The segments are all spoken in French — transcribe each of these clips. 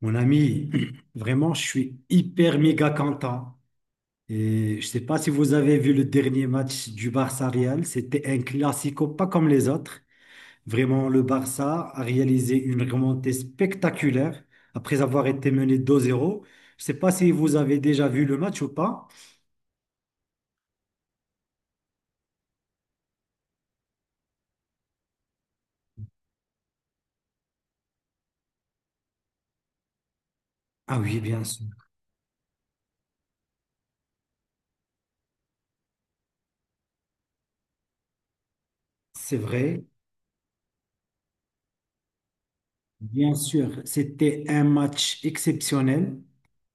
Mon ami, vraiment, je suis hyper méga content. Et je sais pas si vous avez vu le dernier match du Barça Real. C'était un classico pas comme les autres. Vraiment, le Barça a réalisé une remontée spectaculaire après avoir été mené 2-0. Je sais pas si vous avez déjà vu le match ou pas. Ah oui, bien sûr. C'est vrai. Bien sûr, c'était un match exceptionnel.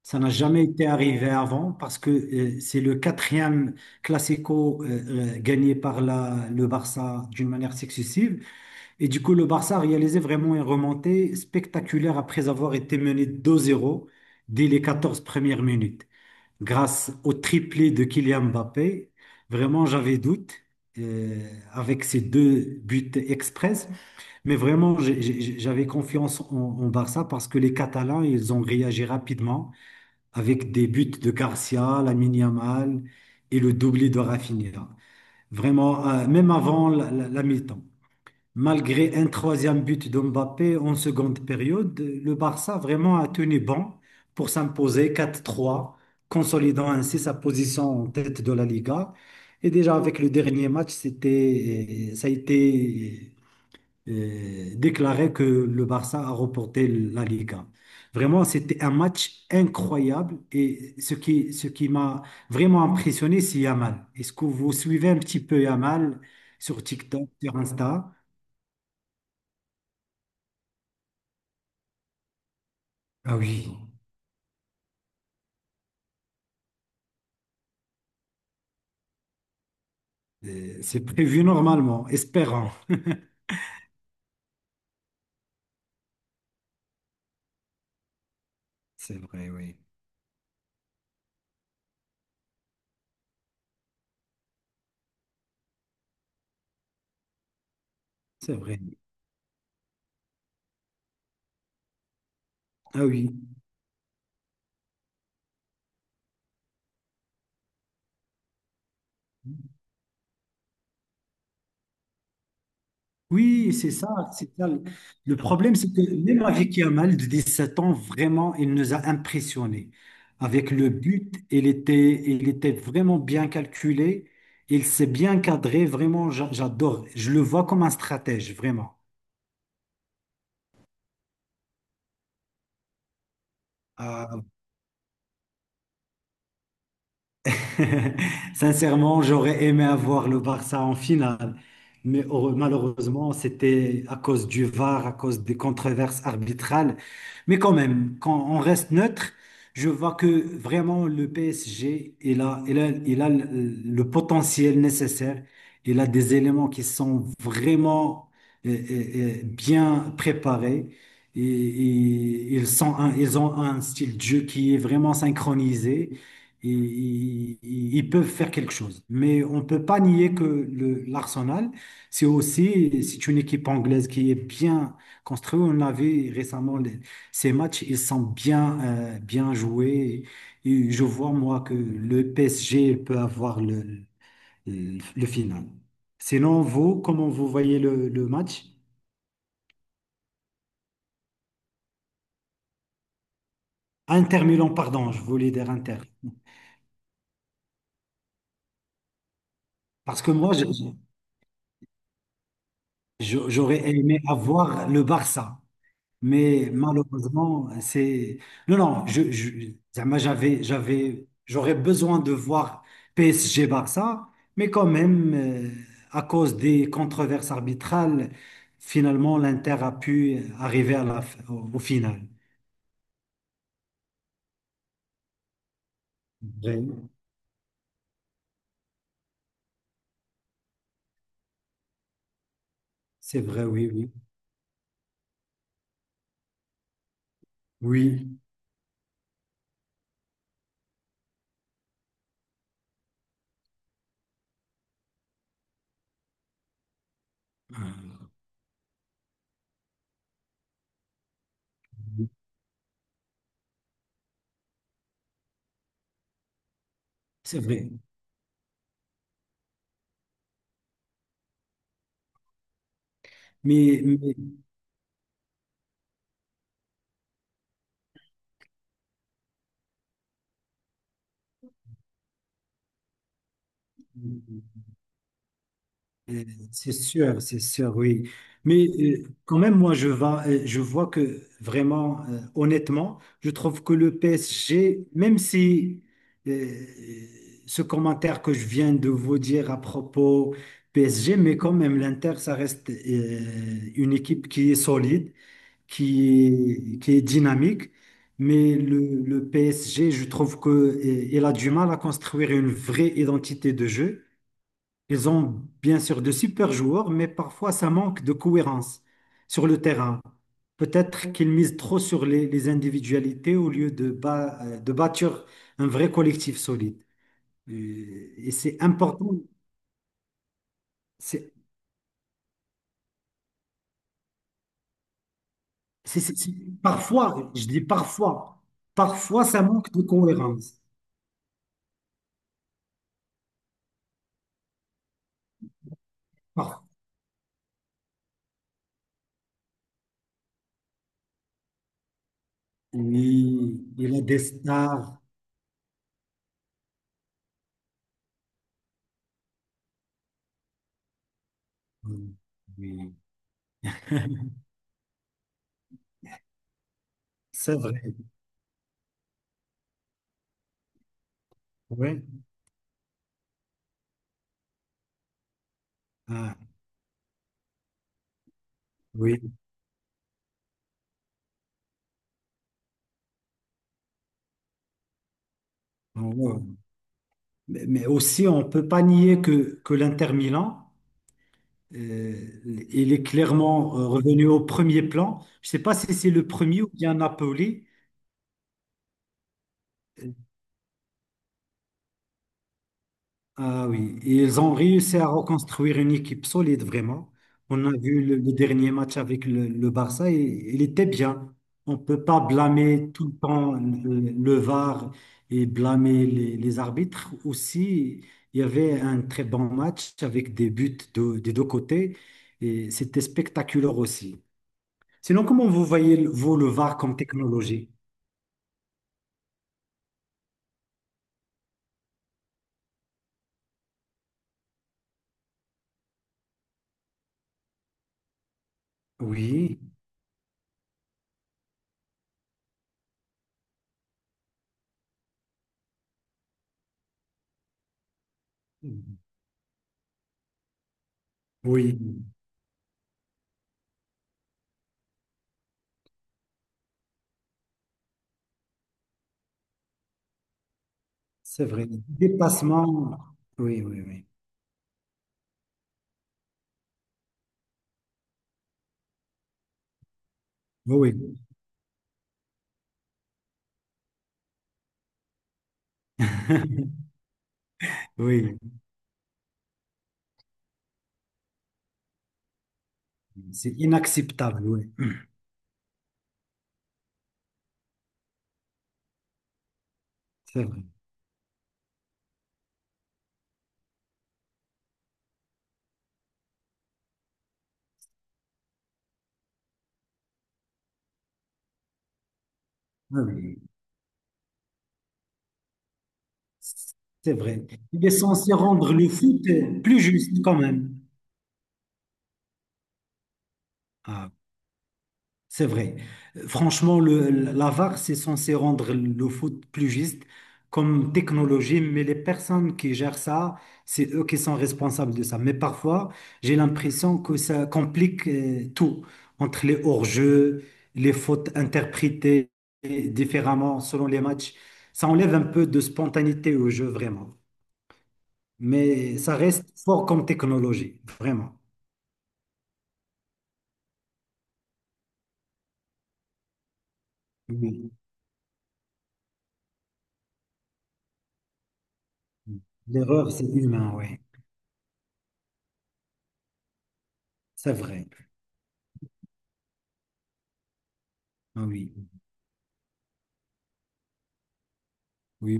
Ça n'a jamais été arrivé avant parce que c'est le quatrième classico gagné par le Barça d'une manière successive. Et du coup, le Barça a réalisé vraiment une remontée spectaculaire après avoir été mené deux zéro dès les 14 premières minutes. Grâce au triplé de Kylian Mbappé, vraiment, j'avais doute euh, avec ces deux buts express. Mais vraiment, j'avais confiance en Barça parce que les Catalans, ils ont réagi rapidement avec des buts de Garcia, Lamine Yamal et le doublé de Rafinha. Vraiment, même avant la mi-temps. Malgré un troisième but de Mbappé en seconde période, le Barça vraiment a tenu bon pour s'imposer 4-3, consolidant ainsi sa position en tête de la Liga. Et déjà avec le dernier match, ça a été déclarait que le Barça a remporté la Liga. Vraiment, c'était un match incroyable et ce qui m'a vraiment impressionné, c'est Yamal. Est-ce que vous suivez un petit peu Yamal sur TikTok, sur Insta? Ah oui. C'est prévu normalement, espérant. C'est vrai, oui. C'est vrai. Ah oui. Oui, c'est ça, c'est ça. Le problème, c'est que même avec Yamal, de 17 ans, vraiment, il nous a impressionnés. Avec le but, il était vraiment bien calculé, il s'est bien cadré, vraiment, j'adore. Je le vois comme un stratège, vraiment. Euh, Sincèrement, j'aurais aimé avoir le Barça en finale, mais malheureusement, c'était à cause du VAR, à cause des controverses arbitrales. Mais quand même, quand on reste neutre, je vois que vraiment le PSG, il a le potentiel nécessaire. Il a des éléments qui sont vraiment euh, euh, bien préparés. Et ils sont ils ont un style de jeu qui est vraiment synchronisé, ils peuvent faire quelque chose. Mais on ne peut pas nier que l'Arsenal, c'est aussi, c'est une équipe anglaise qui est bien construite. On a vu récemment ces matchs, ils sont bien, bien joués. Et je vois, moi, que le PSG peut avoir le final. Sinon, vous, comment vous voyez le match? Inter Milan, pardon, je voulais dire Inter. Parce que moi, j'aurais aimé avoir le Barça. Mais malheureusement, c'est... Non, non, zama, j'aurais besoin de voir PSG-Barça, mais quand même, à cause des controverses arbitrales, finalement, l'Inter a pu arriver à au final. Vrai. C'est vrai, oui, oui. Oui, c'est vrai. Mais... Euh, c'est sûr, oui. Mais quand même, moi, je vois que vraiment, honnêtement, je trouve que le PSG, même si euh, ce commentaire que je viens de vous dire à propos PSG, mais quand même, l'Inter, ça reste une équipe qui est solide, qui est dynamique. Mais le PSG, je trouve que il a du mal à construire une vraie identité de jeu. Ils ont bien sûr de super joueurs, mais parfois ça manque de cohérence sur le terrain. Peut-être qu'ils misent trop sur les individualités au lieu de, de bâtir un vrai collectif solide. Et c'est important. C'est, c'est- c'est- c'est- parfois, je dis parfois, parfois ça manque de cohérence. Par- Oui, il a des stars. Oui, c'est vrai. Oui. Ah, oui. Oh, wow. Mais aussi, on ne peut pas nier que l'Inter Milan, euh, il est clairement revenu au premier plan. Je ne sais pas si c'est le premier ou bien Napoli. Ah oui, et ils ont réussi à reconstruire une équipe solide, vraiment. On a vu le dernier match avec le Barça, et il était bien. On ne peut pas blâmer tout le temps le VAR et blâmer les arbitres. Aussi, il y avait un très bon match avec des buts des deux côtés, et c'était spectaculaire aussi. Sinon, comment vous voyez, vous, le VAR comme technologie? Oui, oui, c'est vrai. Dépassement, oui, oui, oui. Oui, oui. Oui, c'est inacceptable, oui. C'est vrai. Ah oui, c'est vrai. Il est censé rendre le foot plus juste quand même. Ah. C'est vrai. Franchement, la VAR, c'est censé rendre le foot plus juste comme technologie, mais les personnes qui gèrent ça, c'est eux qui sont responsables de ça. Mais parfois, j'ai l'impression que ça complique tout, entre les hors-jeux, les fautes interprétées différemment selon les matchs. Ça enlève un peu de spontanéité au jeu, vraiment. Mais ça reste fort comme technologie, vraiment. Oui. L'erreur, c'est humain, oui. C'est vrai. Ah oui, oui.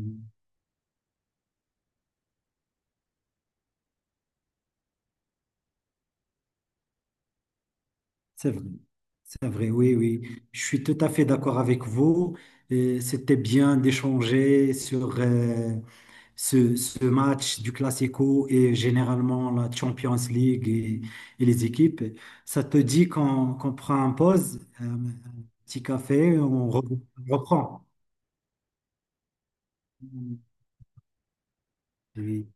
C'est vrai, c'est vrai, oui, oui. Je suis tout à fait d'accord avec vous. C'était bien d'échanger sur ce, ce match du Classico et généralement la Champions League et les équipes. Ça te dit qu'on prend un pause, un petit café, on reprend. Oui.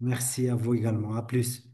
Merci à vous également. À plus.